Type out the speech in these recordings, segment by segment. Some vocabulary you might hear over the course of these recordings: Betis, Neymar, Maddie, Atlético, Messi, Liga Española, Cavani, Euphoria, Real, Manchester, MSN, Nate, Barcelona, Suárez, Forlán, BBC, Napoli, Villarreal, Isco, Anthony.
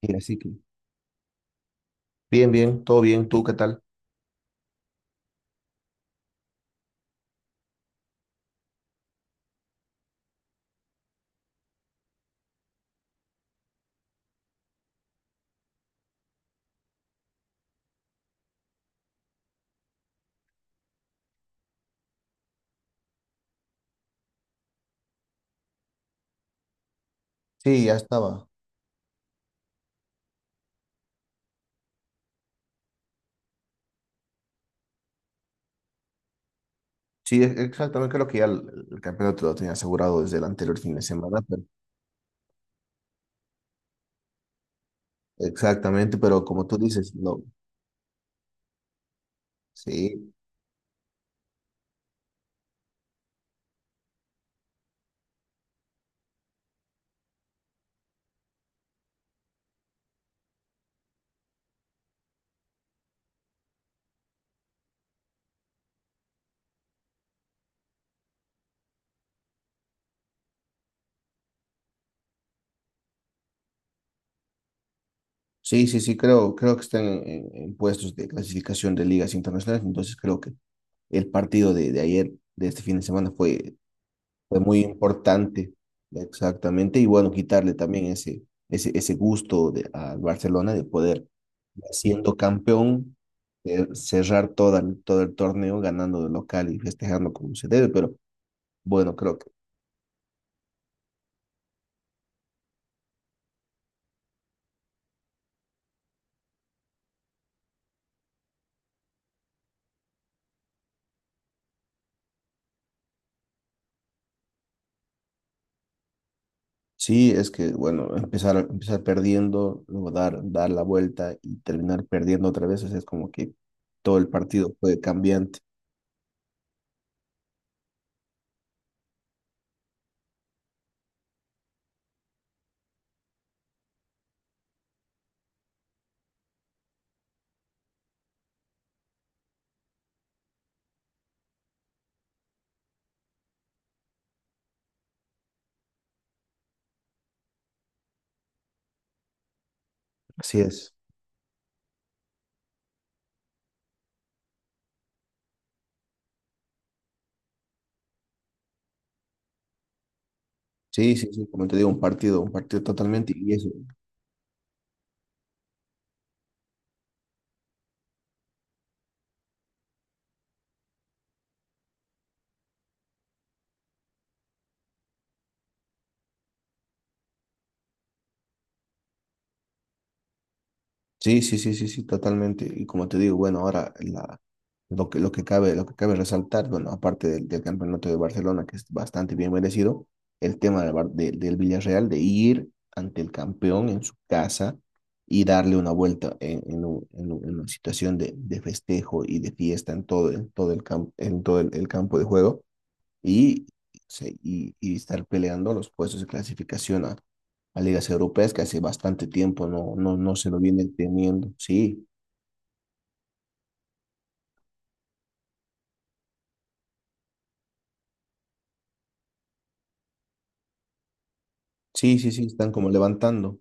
Y así que, bien, bien, todo bien, ¿tú qué tal? Sí, ya estaba. Sí, exactamente, creo que ya el campeonato lo tenía asegurado desde el anterior fin de semana, pero exactamente, pero como tú dices, no. Sí, sí, sí, sí, creo que están en puestos de clasificación de ligas internacionales, entonces creo que el partido de ayer, de este fin de semana, fue muy importante, exactamente. Y bueno, quitarle también ese gusto al Barcelona de poder, siendo campeón, cerrar todo el torneo ganando de local y festejando como se debe. Pero bueno, creo que sí, es que bueno, empezar perdiendo, luego dar la vuelta y terminar perdiendo otra vez, o sea, es como que todo el partido fue cambiante. Así es. Sí, sí, sí, como te digo, un partido totalmente. Y eso. Sí, sí, sí, sí, sí, totalmente. Y como te digo, bueno, ahora lo que cabe resaltar, bueno, aparte del campeonato de Barcelona, que es bastante bien merecido, el tema del Villarreal, de ir ante el campeón en su casa y darle una vuelta en una situación de festejo y de fiesta en todo el campo, en todo el campo de juego y, y estar peleando los puestos de clasificación a ligas europeas que hace bastante tiempo no, no, no se lo vienen teniendo. Sí, sí, sí, sí, están como levantando.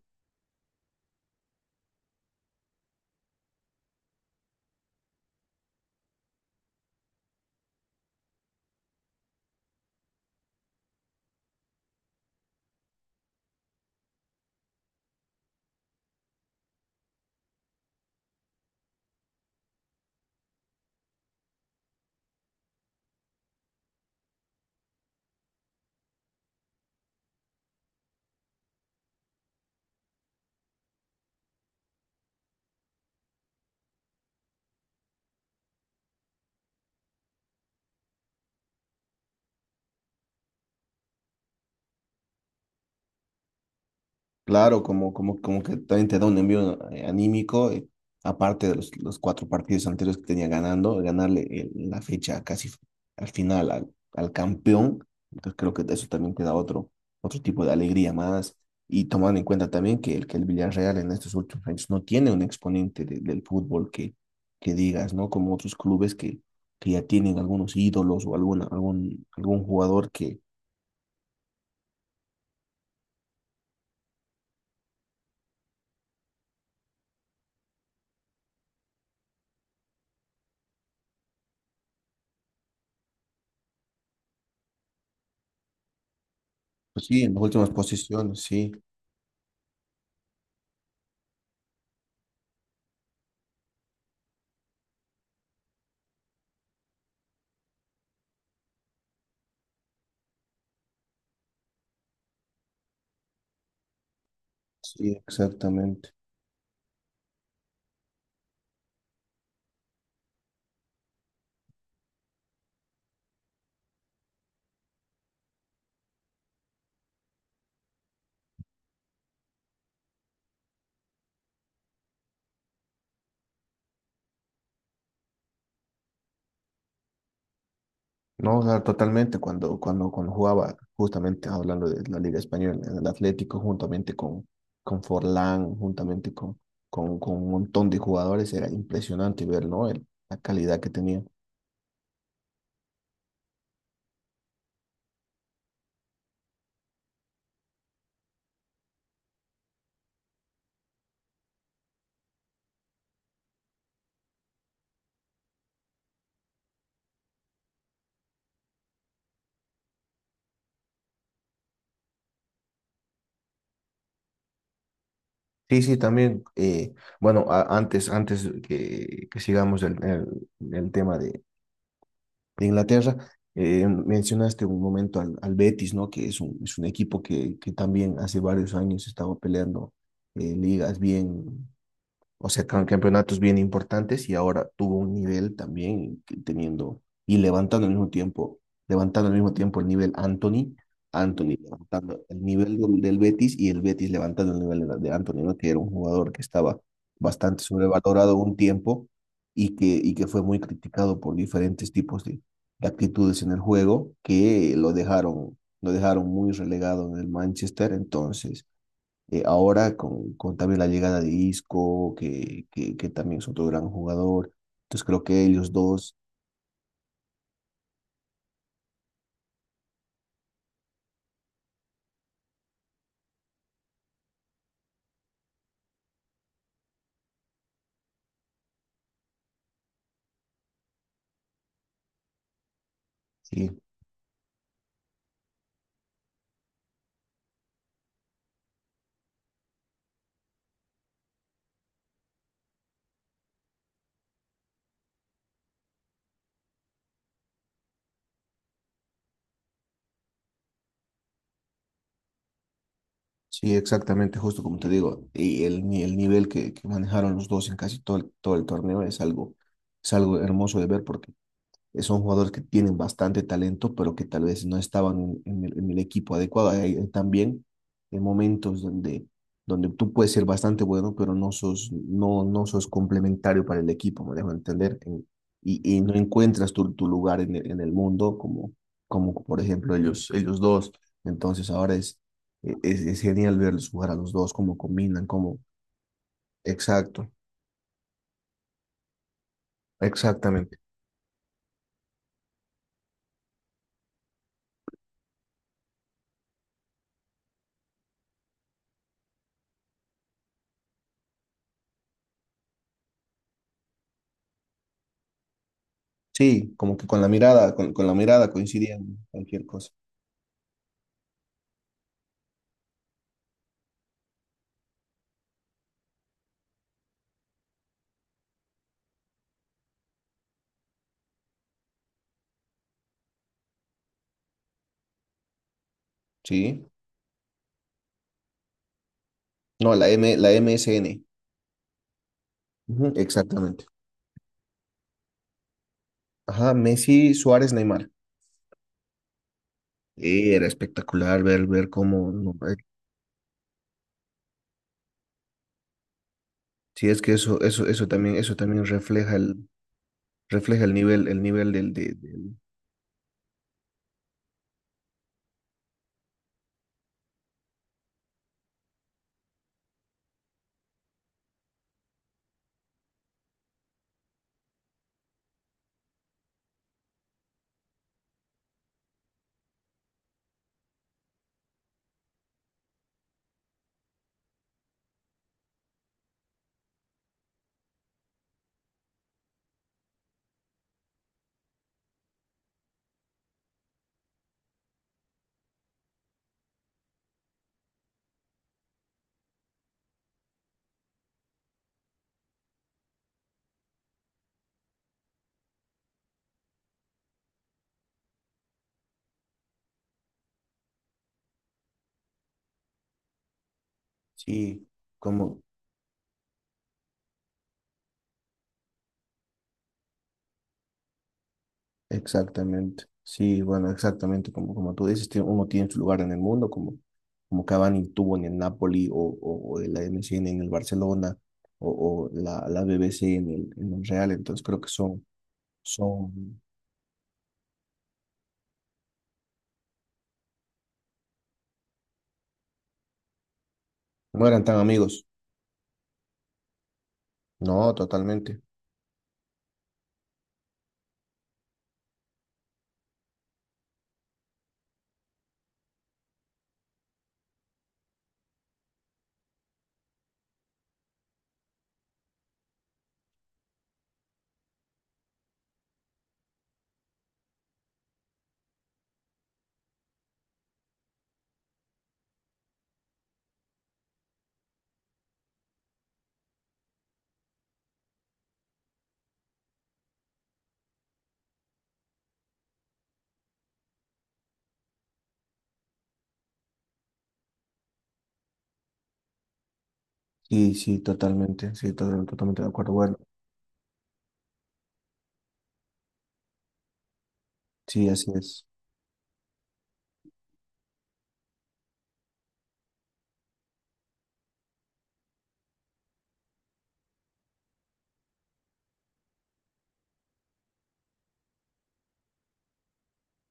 Claro, como que también te da un envío anímico, aparte de los cuatro partidos anteriores que tenía ganando, ganarle la fecha casi al final al campeón, entonces creo que eso también te da otro tipo de alegría más, y tomando en cuenta también que el Villarreal en estos últimos años no tiene un exponente del fútbol que digas, ¿no? Como otros clubes que ya tienen algunos ídolos o algún jugador que, pues sí, en las últimas posiciones, sí, sí, exactamente. No, o sea, totalmente, cuando jugaba, justamente hablando de la Liga Española, en el Atlético, juntamente con Forlán, juntamente con un montón de jugadores, era impresionante ver, ¿no? La calidad que tenía. Sí, sí, también, bueno, antes que sigamos el tema de Inglaterra, mencionaste un momento al Betis, ¿no? Que es un equipo que también hace varios años estaba peleando ligas bien, o sea, campeonatos bien importantes y ahora tuvo un nivel también que teniendo y levantando al mismo tiempo, el nivel Anthony, Anthony levantando el nivel del Betis y el Betis levantando el nivel de Anthony, ¿no? Que era un jugador que estaba bastante sobrevalorado un tiempo y que fue muy criticado por diferentes tipos de actitudes en el juego que lo dejaron muy relegado en el Manchester, entonces ahora con también la llegada de Isco, que también es otro gran jugador. Entonces creo que ellos dos, sí, sí, exactamente, justo como te digo, y el, ni- el nivel que manejaron los dos en casi todo el torneo es algo, hermoso de ver porque son jugadores que tienen bastante talento, pero que tal vez no estaban en el equipo adecuado. Hay también momentos donde tú puedes ser bastante bueno, pero no sos complementario para el equipo, me dejo entender. Y no encuentras tu lugar en el mundo, como por ejemplo ellos dos. Entonces ahora es genial verlos jugar a los dos, cómo combinan, cómo... Exacto, exactamente. Sí, como que con la mirada coincidían cualquier cosa. Sí. No, la MSN. Ujú, exactamente. Ajá, Messi, Suárez, Neymar. Era espectacular ver, cómo. No, sí, es que eso también refleja el nivel del... Sí, como, exactamente. Sí, bueno, exactamente, como tú dices, uno tiene su lugar en el mundo, como Cavani tuvo en el Napoli o, o la MSN en el Barcelona o la BBC en el Real, entonces creo que son. Son No eran tan amigos. No, totalmente. Sí, sí, totalmente. Sí, totalmente de acuerdo. Bueno, sí, así es.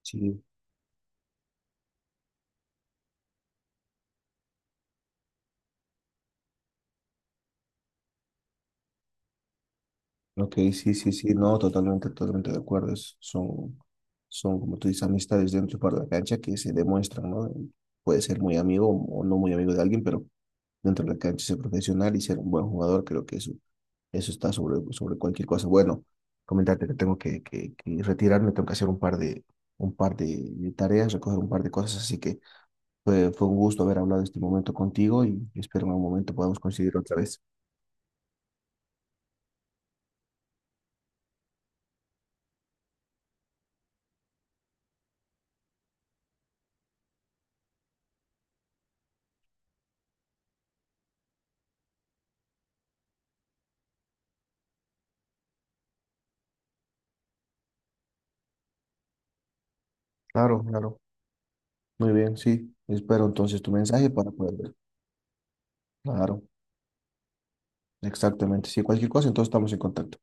Sí, ok, sí, sí, sí. No, totalmente, totalmente de acuerdo. Son, como tú dices, amistades dentro y fuera de la cancha que se demuestran, ¿no? Puede ser muy amigo o no muy amigo de alguien, pero dentro de la cancha ser profesional y ser un buen jugador, creo que eso está sobre cualquier cosa. Bueno, comentarte que tengo que retirarme, tengo que hacer un par de tareas, recoger un par de cosas, así que. Fue un gusto haber hablado este momento contigo y espero en algún momento podamos coincidir otra vez. Claro, claro. Muy bien, sí. Espero entonces tu mensaje para poder ver. Claro, exactamente. Si cualquier cosa, entonces estamos en contacto.